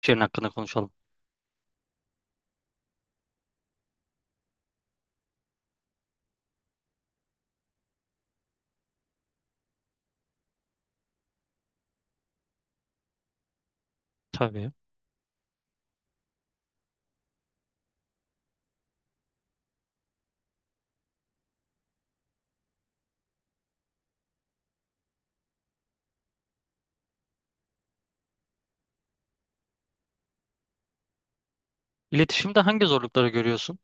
Şiirin hakkında konuşalım. Tabii. İletişimde hangi zorlukları görüyorsun?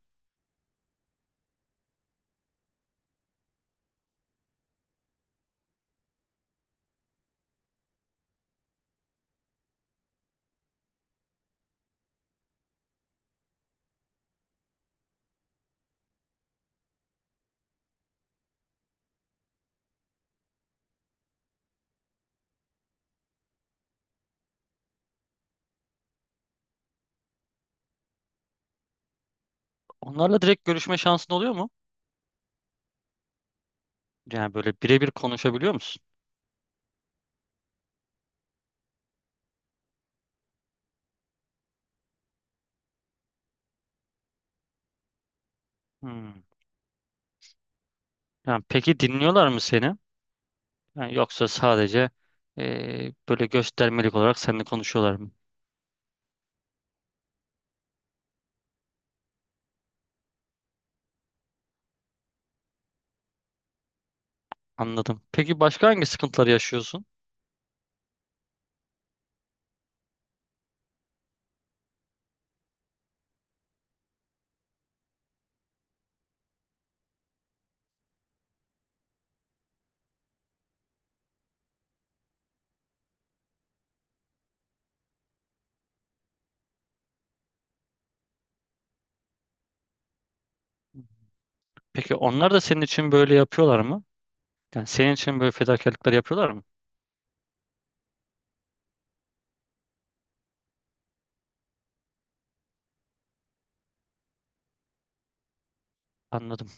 Onlarla direkt görüşme şansın oluyor mu? Yani böyle birebir konuşabiliyor musun? Hmm. Yani peki dinliyorlar mı seni? Yani yoksa sadece böyle göstermelik olarak seninle konuşuyorlar mı? Anladım. Peki başka hangi sıkıntılar yaşıyorsun? Peki onlar da senin için böyle yapıyorlar mı? Yani senin için böyle fedakarlıklar yapıyorlar mı? Anladım.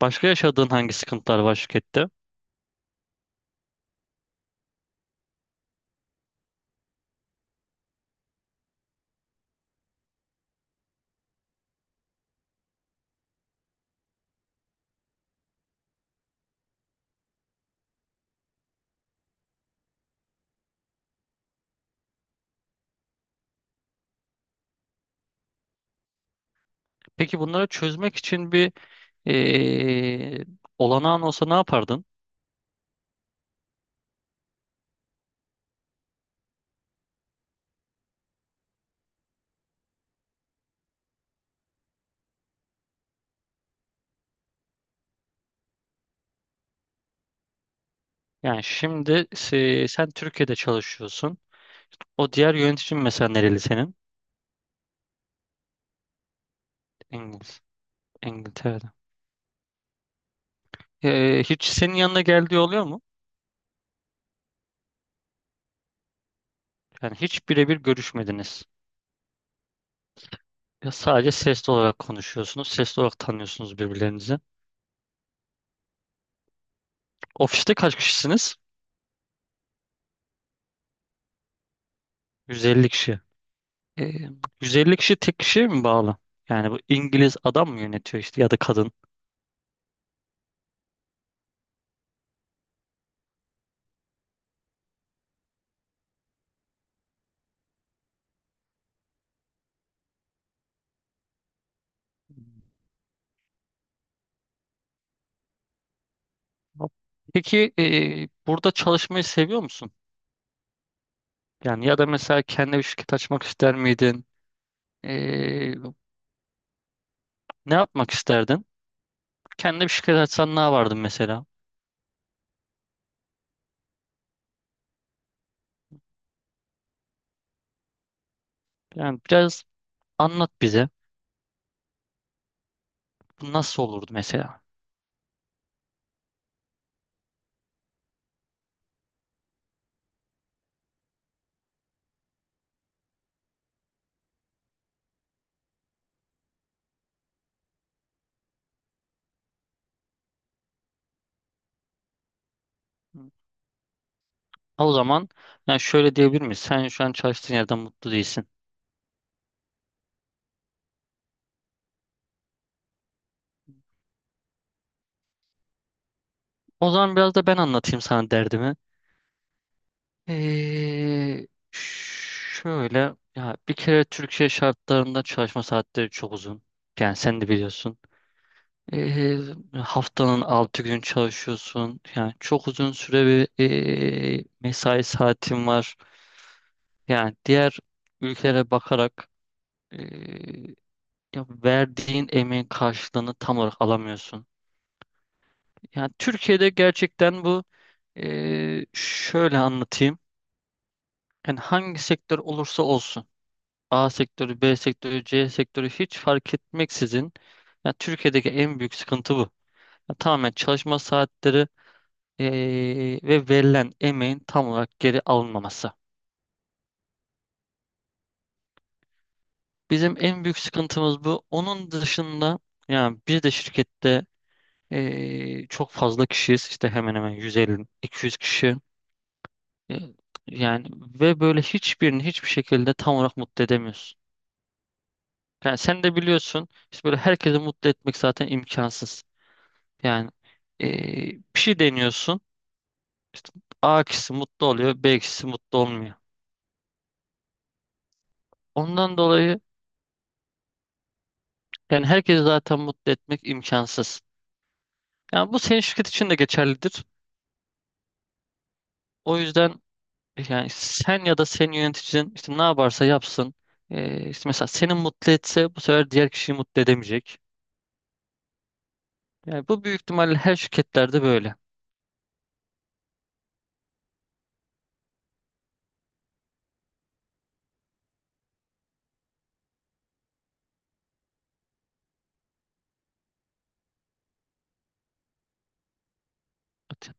Başka yaşadığın hangi sıkıntılar var şirkette? Peki bunları çözmek için bir eee olanağın olsa ne yapardın? Sen Türkiye'de çalışıyorsun. O diğer yöneticin mesela nereli senin? İngiliz. İngiltere'de. Hiç senin yanına geldiği oluyor mu? Yani hiç birebir görüşmediniz. Ya sadece sesli olarak konuşuyorsunuz. Sesli olarak tanıyorsunuz birbirlerinizi. Ofiste kaç kişisiniz? 150 kişi. Ee, 150 kişi tek kişiye mi bağlı? Yani bu İngiliz adam mı yönetiyor işte ya da kadın? Peki burada çalışmayı seviyor musun? Yani ya da mesela kendi bir şirket açmak ister miydin? Ee, ne yapmak isterdin? Kendi bir şirket açsan ne yapardın mesela? Yani biraz anlat bize. Bu nasıl olurdu mesela? O zaman yani şöyle diyebilir miyiz? Sen şu an çalıştığın yerden mutlu değilsin. O zaman biraz da ben anlatayım sana derdimi. Şöyle ya bir kere Türkiye şartlarında çalışma saatleri çok uzun. Yani sen de biliyorsun. Ee, haftanın 6 gün çalışıyorsun. Yani çok uzun süre bir mesai saatin var. Yani diğer ülkelere bakarak ee, ya verdiğin emeğin karşılığını tam olarak alamıyorsun. Yani Türkiye'de gerçekten bu şöyle anlatayım. Yani hangi sektör olursa olsun. A sektörü, B sektörü, C sektörü hiç fark etmeksizin. Yani Türkiye'deki en büyük sıkıntı bu. Ya tamamen çalışma saatleri ve verilen emeğin tam olarak geri alınmaması. Bizim en büyük sıkıntımız bu. Onun dışında yani biz de şirkette çok fazla kişiyiz. İşte hemen hemen 150-200 kişi. E, Yani ve böyle hiçbirini hiçbir şekilde tam olarak mutlu edemiyorsun. Yani sen de biliyorsun işte böyle herkesi mutlu etmek zaten imkansız. Yani bir şey deniyorsun. İşte A kişisi mutlu oluyor, B kişisi mutlu olmuyor. Ondan dolayı yani herkesi zaten mutlu etmek imkansız. Yani bu senin şirket için de geçerlidir. O yüzden yani sen ya da senin yöneticin işte ne yaparsa yapsın. İşte mesela seni mutlu etse bu sefer diğer kişiyi mutlu edemeyecek. Yani bu büyük ihtimalle her şirketlerde böyle.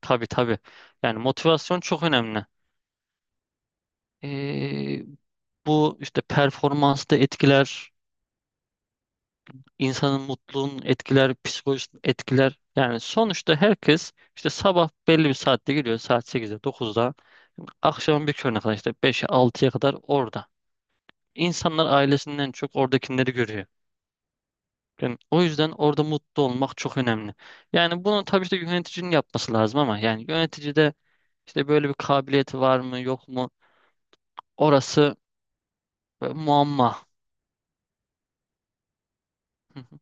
Tabii, tabii. Yani motivasyon çok önemli. Ee, bu işte performansı da etkiler. İnsanın mutluluğunu etkiler, psikolojisini etkiler. Yani sonuçta herkes işte sabah belli bir saatte geliyor, saat sekizde, dokuzda, akşam bir körüne kadar işte beşe, altıya kadar orada. İnsanlar ailesinden çok oradakileri görüyor. Yani o yüzden orada mutlu olmak çok önemli. Yani bunu tabii işte yöneticinin yapması lazım, ama yani yönetici de işte böyle bir kabiliyeti var mı yok mu, orası böyle muamma. Hı hı.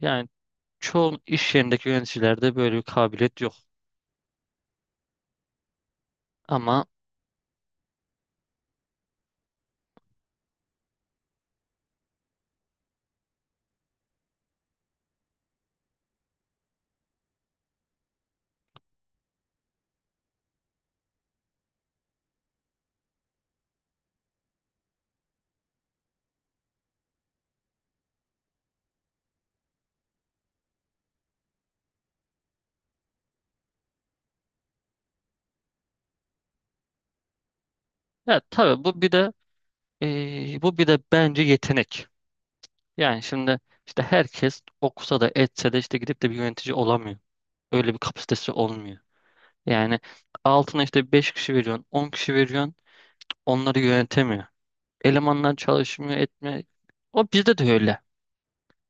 Yani çoğu iş yerindeki yöneticilerde böyle bir kabiliyet yok. Ama tabii bu bir de bu bir de bence yetenek. Yani şimdi işte herkes okusa da etse de işte gidip de bir yönetici olamıyor. Öyle bir kapasitesi olmuyor. Yani altına işte 5 kişi veriyorsun, 10 kişi veriyorsun, onları yönetemiyor. Elemanlar çalışmıyor, etme. O bizde de öyle.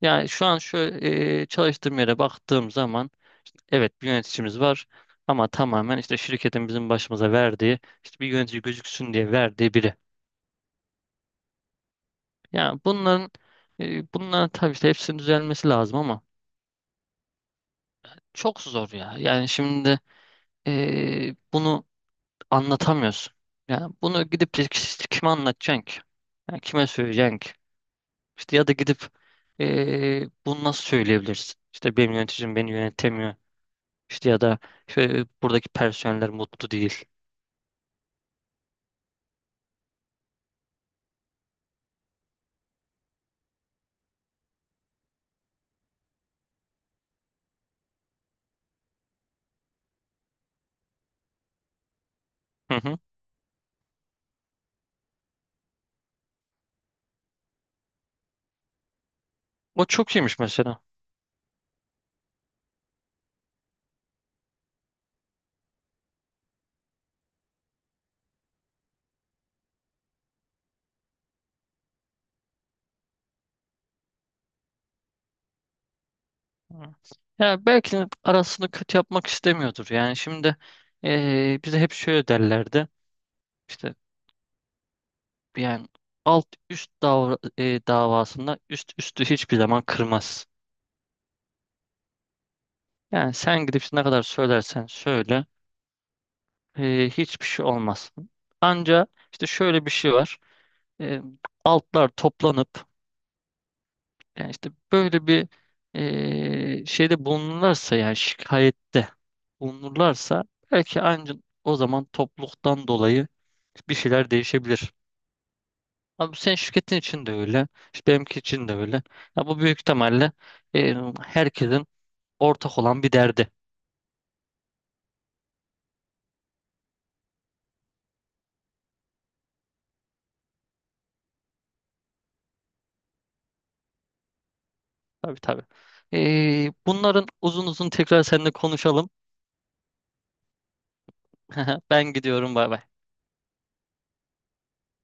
Yani şu an şu çalıştığım yere baktığım zaman evet bir yöneticimiz var, ama tamamen işte şirketin bizim başımıza verdiği, işte bir yönetici gözüksün diye verdiği biri. Yani bunların tabii işte hepsinin düzelmesi lazım ama çok zor ya. Yani şimdi bunu anlatamıyorsun. Yani bunu gidip de kime anlatacaksın ki? Yani kime söyleyeceksin ki? İşte ya da gidip bunu nasıl söyleyebilirsin? İşte benim yöneticim beni yönetemiyor. İşte ya da işte buradaki personeller mutlu değil. Hı hı. O çok iyiymiş mesela. Hı. Ya belki de arasını kötü yapmak istemiyordur. Yani şimdi bize hep şöyle derlerdi. İşte yani alt üst davra- e, davasında üst üstü hiçbir zaman kırmaz. Yani sen gidip ne kadar söylersen söyle hiçbir şey olmaz. Anca işte şöyle bir şey var. E, altlar toplanıp yani işte böyle bir şeyde bulunurlarsa yani şikayette bulunurlarsa belki anca o zaman topluluktan dolayı bir şeyler değişebilir. Abi bu senin şirketin için de öyle. İşte benimki için de öyle. Ya bu büyük ihtimalle e, herkesin ortak olan bir derdi. Tabii, tabii. Bunların uzun uzun tekrar seninle konuşalım. Ben gidiyorum, bay bay.